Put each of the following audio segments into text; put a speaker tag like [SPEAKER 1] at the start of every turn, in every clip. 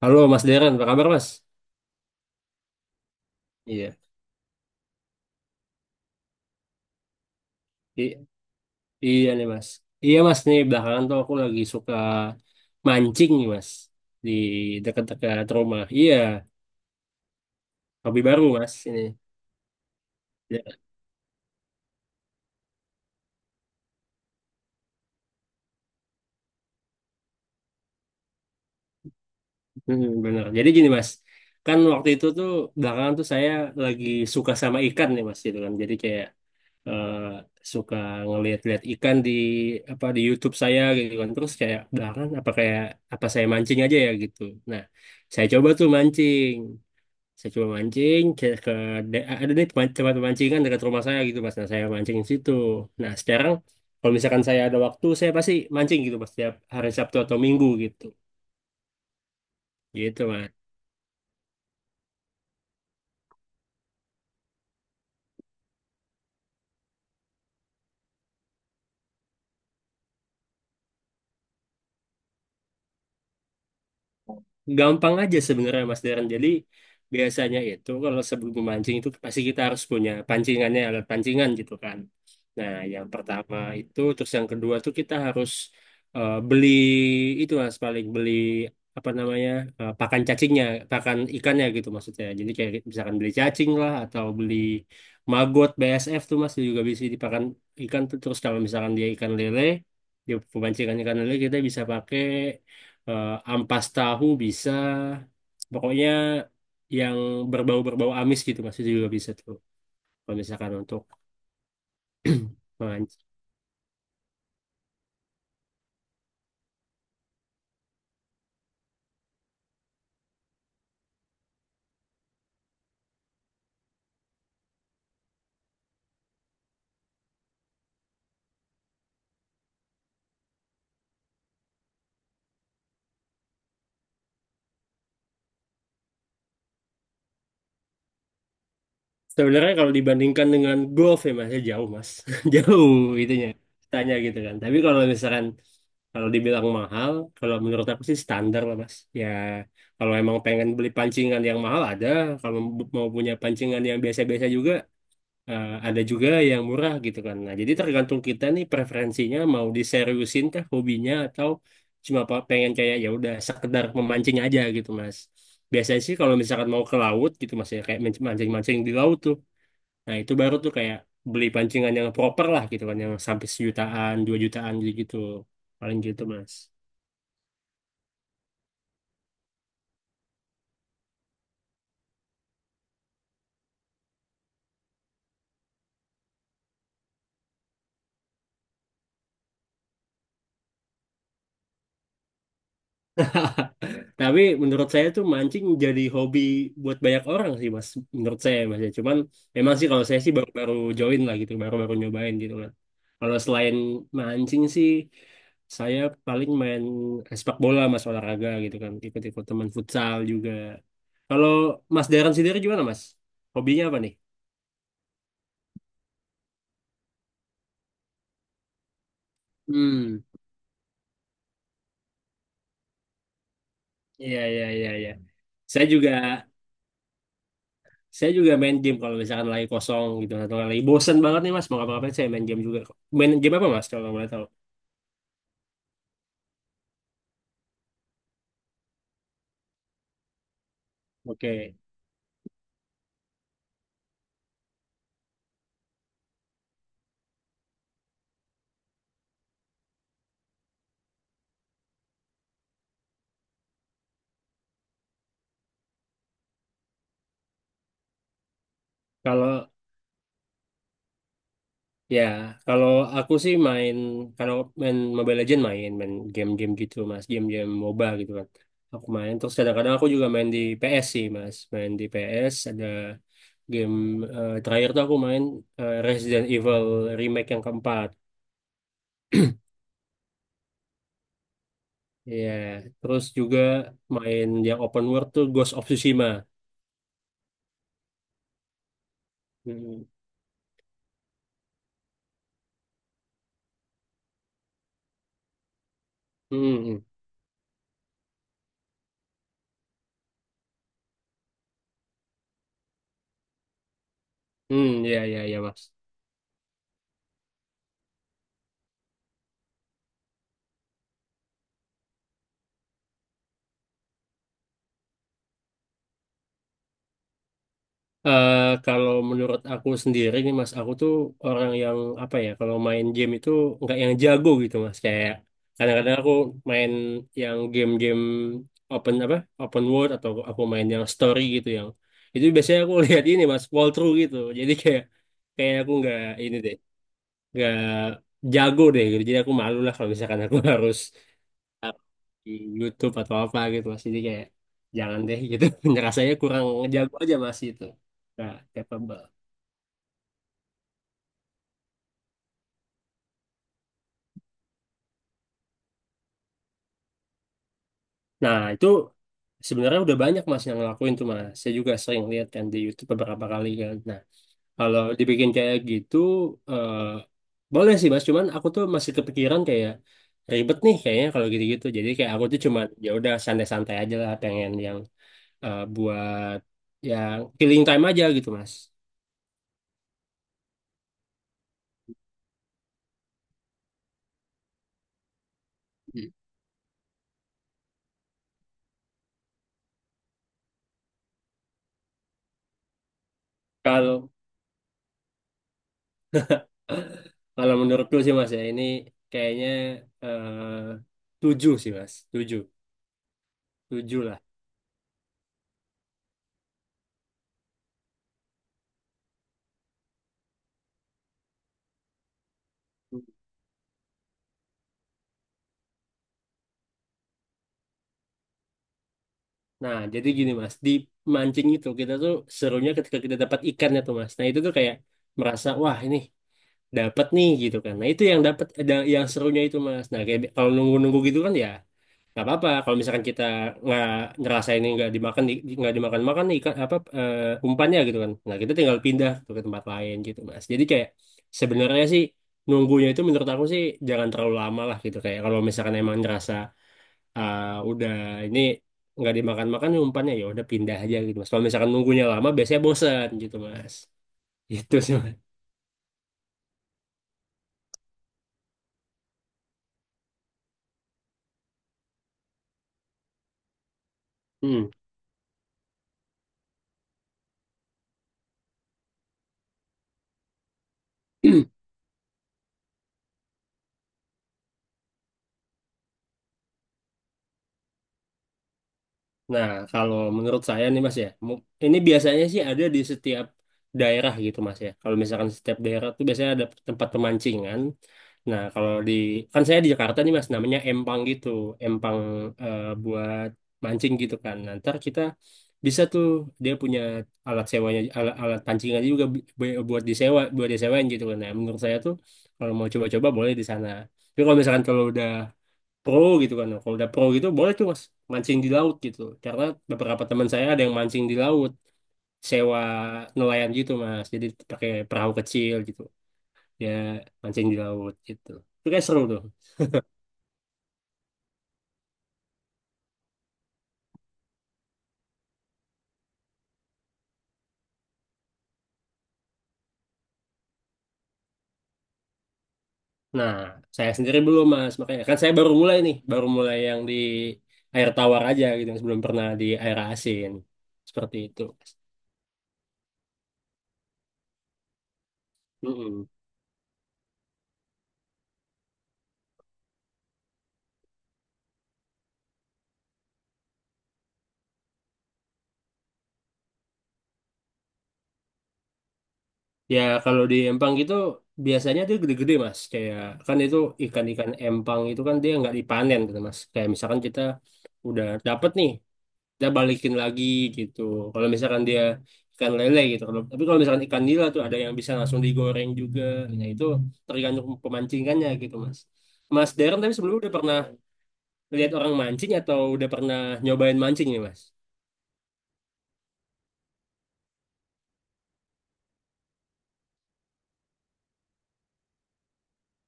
[SPEAKER 1] Halo Mas Deren, apa kabar Mas? Iya, I- iya nih Mas. Iya Mas, nih belakangan tuh aku lagi suka mancing nih Mas di dekat-dekat rumah. Iya, hobi baru Mas ini. Ya, hmm, bener. Jadi gini Mas, kan waktu itu tuh belakangan tuh saya lagi suka sama ikan nih Mas gitu kan. Jadi kayak eh, suka ngelihat-lihat ikan di apa di YouTube saya gitu kan. Terus kayak belakangan apa kayak apa saya mancing aja ya gitu. Nah, saya coba tuh mancing. Saya cuma mancing ke ada nih tempat pemancingan dekat rumah saya gitu Mas. Nah saya mancing di situ. Nah sekarang kalau misalkan saya ada waktu, saya pasti mancing gitu Mas, setiap hari Sabtu atau Minggu gitu gitu Mas. Gampang aja sebenarnya Mas Darren. Jadi biasanya itu kalau sebelum memancing itu pasti kita harus punya pancingannya, alat pancingan gitu kan. Nah, yang pertama itu, terus yang kedua tuh kita harus beli itu Mas, paling beli apa namanya pakan cacingnya, pakan ikannya gitu maksudnya. Jadi kayak misalkan beli cacing lah atau beli maggot BSF tuh Mas juga bisa dipakan ikan tuh. Terus kalau misalkan dia ikan lele, dia pemancingan ikan lele kita bisa pakai ampas tahu bisa, pokoknya yang berbau-berbau amis gitu Mas itu juga bisa tuh. Kalau misalkan untuk memancing. Sebenarnya kalau dibandingkan dengan golf ya Mas, ya jauh Mas, jauh itunya tanya gitu kan. Tapi kalau misalkan kalau dibilang mahal, kalau menurut aku sih standar lah Mas. Ya kalau emang pengen beli pancingan yang mahal ada, kalau mau punya pancingan yang biasa-biasa juga ada juga yang murah gitu kan. Nah, jadi tergantung kita nih preferensinya mau diseriusin kah hobinya atau cuma pengen kayak ya udah sekedar memancing aja gitu, Mas. Biasanya sih kalau misalkan mau ke laut gitu Mas ya kayak mancing-mancing di laut tuh. Nah, itu baru tuh kayak beli pancingan yang proper lah gitu kan, yang sampai sejutaan, dua jutaan gitu. Paling gitu, Mas. Tapi menurut saya tuh mancing jadi hobi buat banyak orang sih Mas. Menurut saya Mas ya. Cuman memang sih kalau saya sih baru-baru join lah gitu, baru-baru nyobain gitu kan. Kalau selain mancing sih, saya paling main sepak bola Mas, olahraga gitu kan. Ikut-ikut teman futsal juga. Kalau Mas Darren sendiri gimana Mas? Hobinya apa nih? Hmm, iya iya iya iya. Saya juga saya juga main game kalau misalkan lagi kosong gitu atau lagi bosen banget nih Mas, mau ngapa-ngapain saya main game juga. Main game apa Mas kalau boleh tahu? Oke, kalau ya kalau aku sih main karena main Mobile Legend, main main game-game gitu Mas, game-game MOBA gitu kan. Aku main terus kadang-kadang aku juga main di PS sih Mas, main di PS ada game terakhir tuh aku main Resident Evil Remake yang keempat. Iya, terus juga main yang open world tuh Ghost of Tsushima. Hmm, hmm, hmm, hmm, ya ya ya Mas. Eh, kalau menurut aku sendiri nih Mas, aku tuh orang yang apa ya, kalau main game itu nggak yang jago gitu Mas. Kayak kadang-kadang aku main yang game-game open apa, open world atau aku main yang story gitu, yang itu biasanya aku lihat ini Mas, walkthrough gitu. Jadi kayak kayak aku nggak ini deh, nggak jago deh gitu. Jadi aku malu lah kalau misalkan aku harus taruh di YouTube atau apa gitu Mas. Jadi kayak jangan deh gitu. Rasanya kurang jago aja Mas itu. Nah, capable. Nah, itu sebenarnya udah banyak Mas yang ngelakuin tuh Mas. Saya juga sering lihat kan di YouTube beberapa kali kan. Nah, kalau dibikin kayak gitu eh boleh sih Mas, cuman aku tuh masih kepikiran kayak ribet nih kayaknya kalau gitu-gitu. Jadi kayak aku tuh cuman ya udah santai-santai aja lah, pengen yang buat yang killing time aja gitu Mas. Hmm. Kalau kalau menurutku sih Mas ya ini kayaknya eh tujuh sih Mas, tujuh, tujuh lah. Nah, jadi gini Mas, di mancing itu kita tuh serunya ketika kita dapat ikannya tuh Mas. Nah, itu tuh kayak merasa wah ini dapat nih gitu kan. Nah, itu yang dapat yang serunya itu Mas. Nah, kayak kalau nunggu-nunggu gitu kan ya nggak apa-apa. Kalau misalkan kita nggak ngerasa ini nggak dimakan nggak dimakan makan nih ikan apa umpannya gitu kan. Nah, kita tinggal pindah tuh ke tempat lain gitu Mas. Jadi kayak sebenarnya sih nunggunya itu menurut aku sih jangan terlalu lama lah gitu, kayak kalau misalkan emang ngerasa ah, udah ini nggak dimakan-makan nih umpannya, ya udah pindah aja gitu Mas. Kalau misalkan nunggunya lama biasanya bosan gitu Mas. Gitu sih Mas. Hmm. Nah, kalau menurut saya nih Mas ya, ini biasanya sih ada di setiap daerah gitu Mas ya. Kalau misalkan setiap daerah tuh biasanya ada tempat pemancingan. Nah, kalau di kan saya di Jakarta nih Mas, namanya empang gitu, empang buat mancing gitu kan. Nah, ntar kita bisa tuh dia punya alat sewanya, alat pancingannya juga buat disewa buat disewain gitu kan. Nah, menurut saya tuh kalau mau coba-coba boleh di sana. Tapi kalau misalkan kalau udah pro gitu kan. Kalau udah pro gitu boleh tuh Mas mancing di laut gitu. Karena beberapa teman saya ada yang mancing di laut, sewa nelayan gitu Mas. Jadi pakai perahu kecil gitu. Dia mancing di laut gitu. Itu kayak seru tuh. Nah, saya sendiri belum Mas, makanya kan saya baru mulai nih, baru mulai yang di air tawar aja gitu, yang sebelum pernah di air asin. Seperti itu. Mas. Ya kalau di Empang gitu biasanya dia gede-gede Mas. Kayak kan itu ikan-ikan Empang itu kan dia nggak dipanen gitu Mas. Kayak misalkan kita udah dapet nih, kita balikin lagi gitu. Kalau misalkan dia ikan lele gitu. Kalau, tapi kalau misalkan ikan nila tuh ada yang bisa langsung digoreng juga. Nah itu tergantung pemancingannya gitu Mas. Mas Darren tapi sebelumnya udah pernah lihat orang mancing atau udah pernah nyobain mancing nih Mas?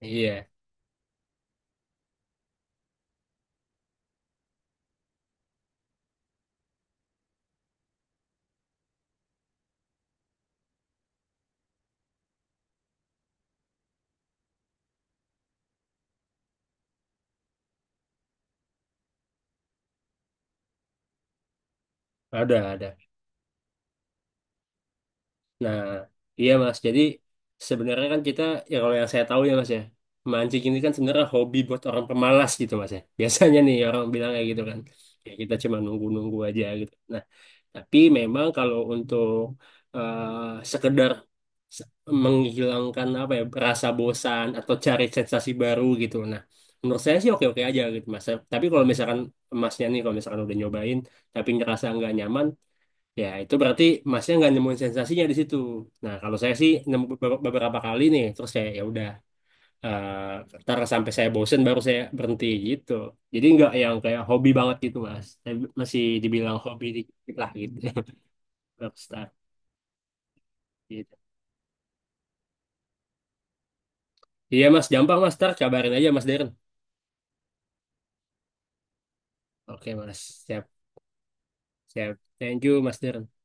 [SPEAKER 1] Iya, ada ada. Nah, iya Mas. Jadi sebenarnya kan kita ya kalau yang saya tahu ya Mas ya, mancing ini kan sebenarnya hobi buat orang pemalas gitu Mas ya. Biasanya nih orang bilang kayak gitu kan. Ya kita cuma nunggu-nunggu aja gitu. Nah, tapi memang kalau untuk sekedar se- menghilangkan apa ya rasa bosan atau cari sensasi baru gitu. Nah, menurut saya sih oke-oke aja gitu Mas. Tapi kalau misalkan Masnya nih, kalau misalkan udah nyobain tapi ngerasa nggak nyaman, ya itu berarti Masnya nggak nemuin sensasinya di situ. Nah, kalau saya sih nemu beberapa kali nih, terus saya ya udah ntar sampai saya bosen baru saya berhenti gitu. Jadi nggak yang kayak hobi banget gitu, Mas. Saya masih dibilang hobi dikit lah gitu. Baru start gitu. Iya, Mas, gampang Mas, ntar kabarin aja Mas Darren. Oke, Mas. Siap. Siap. Thank you, Mas Darren.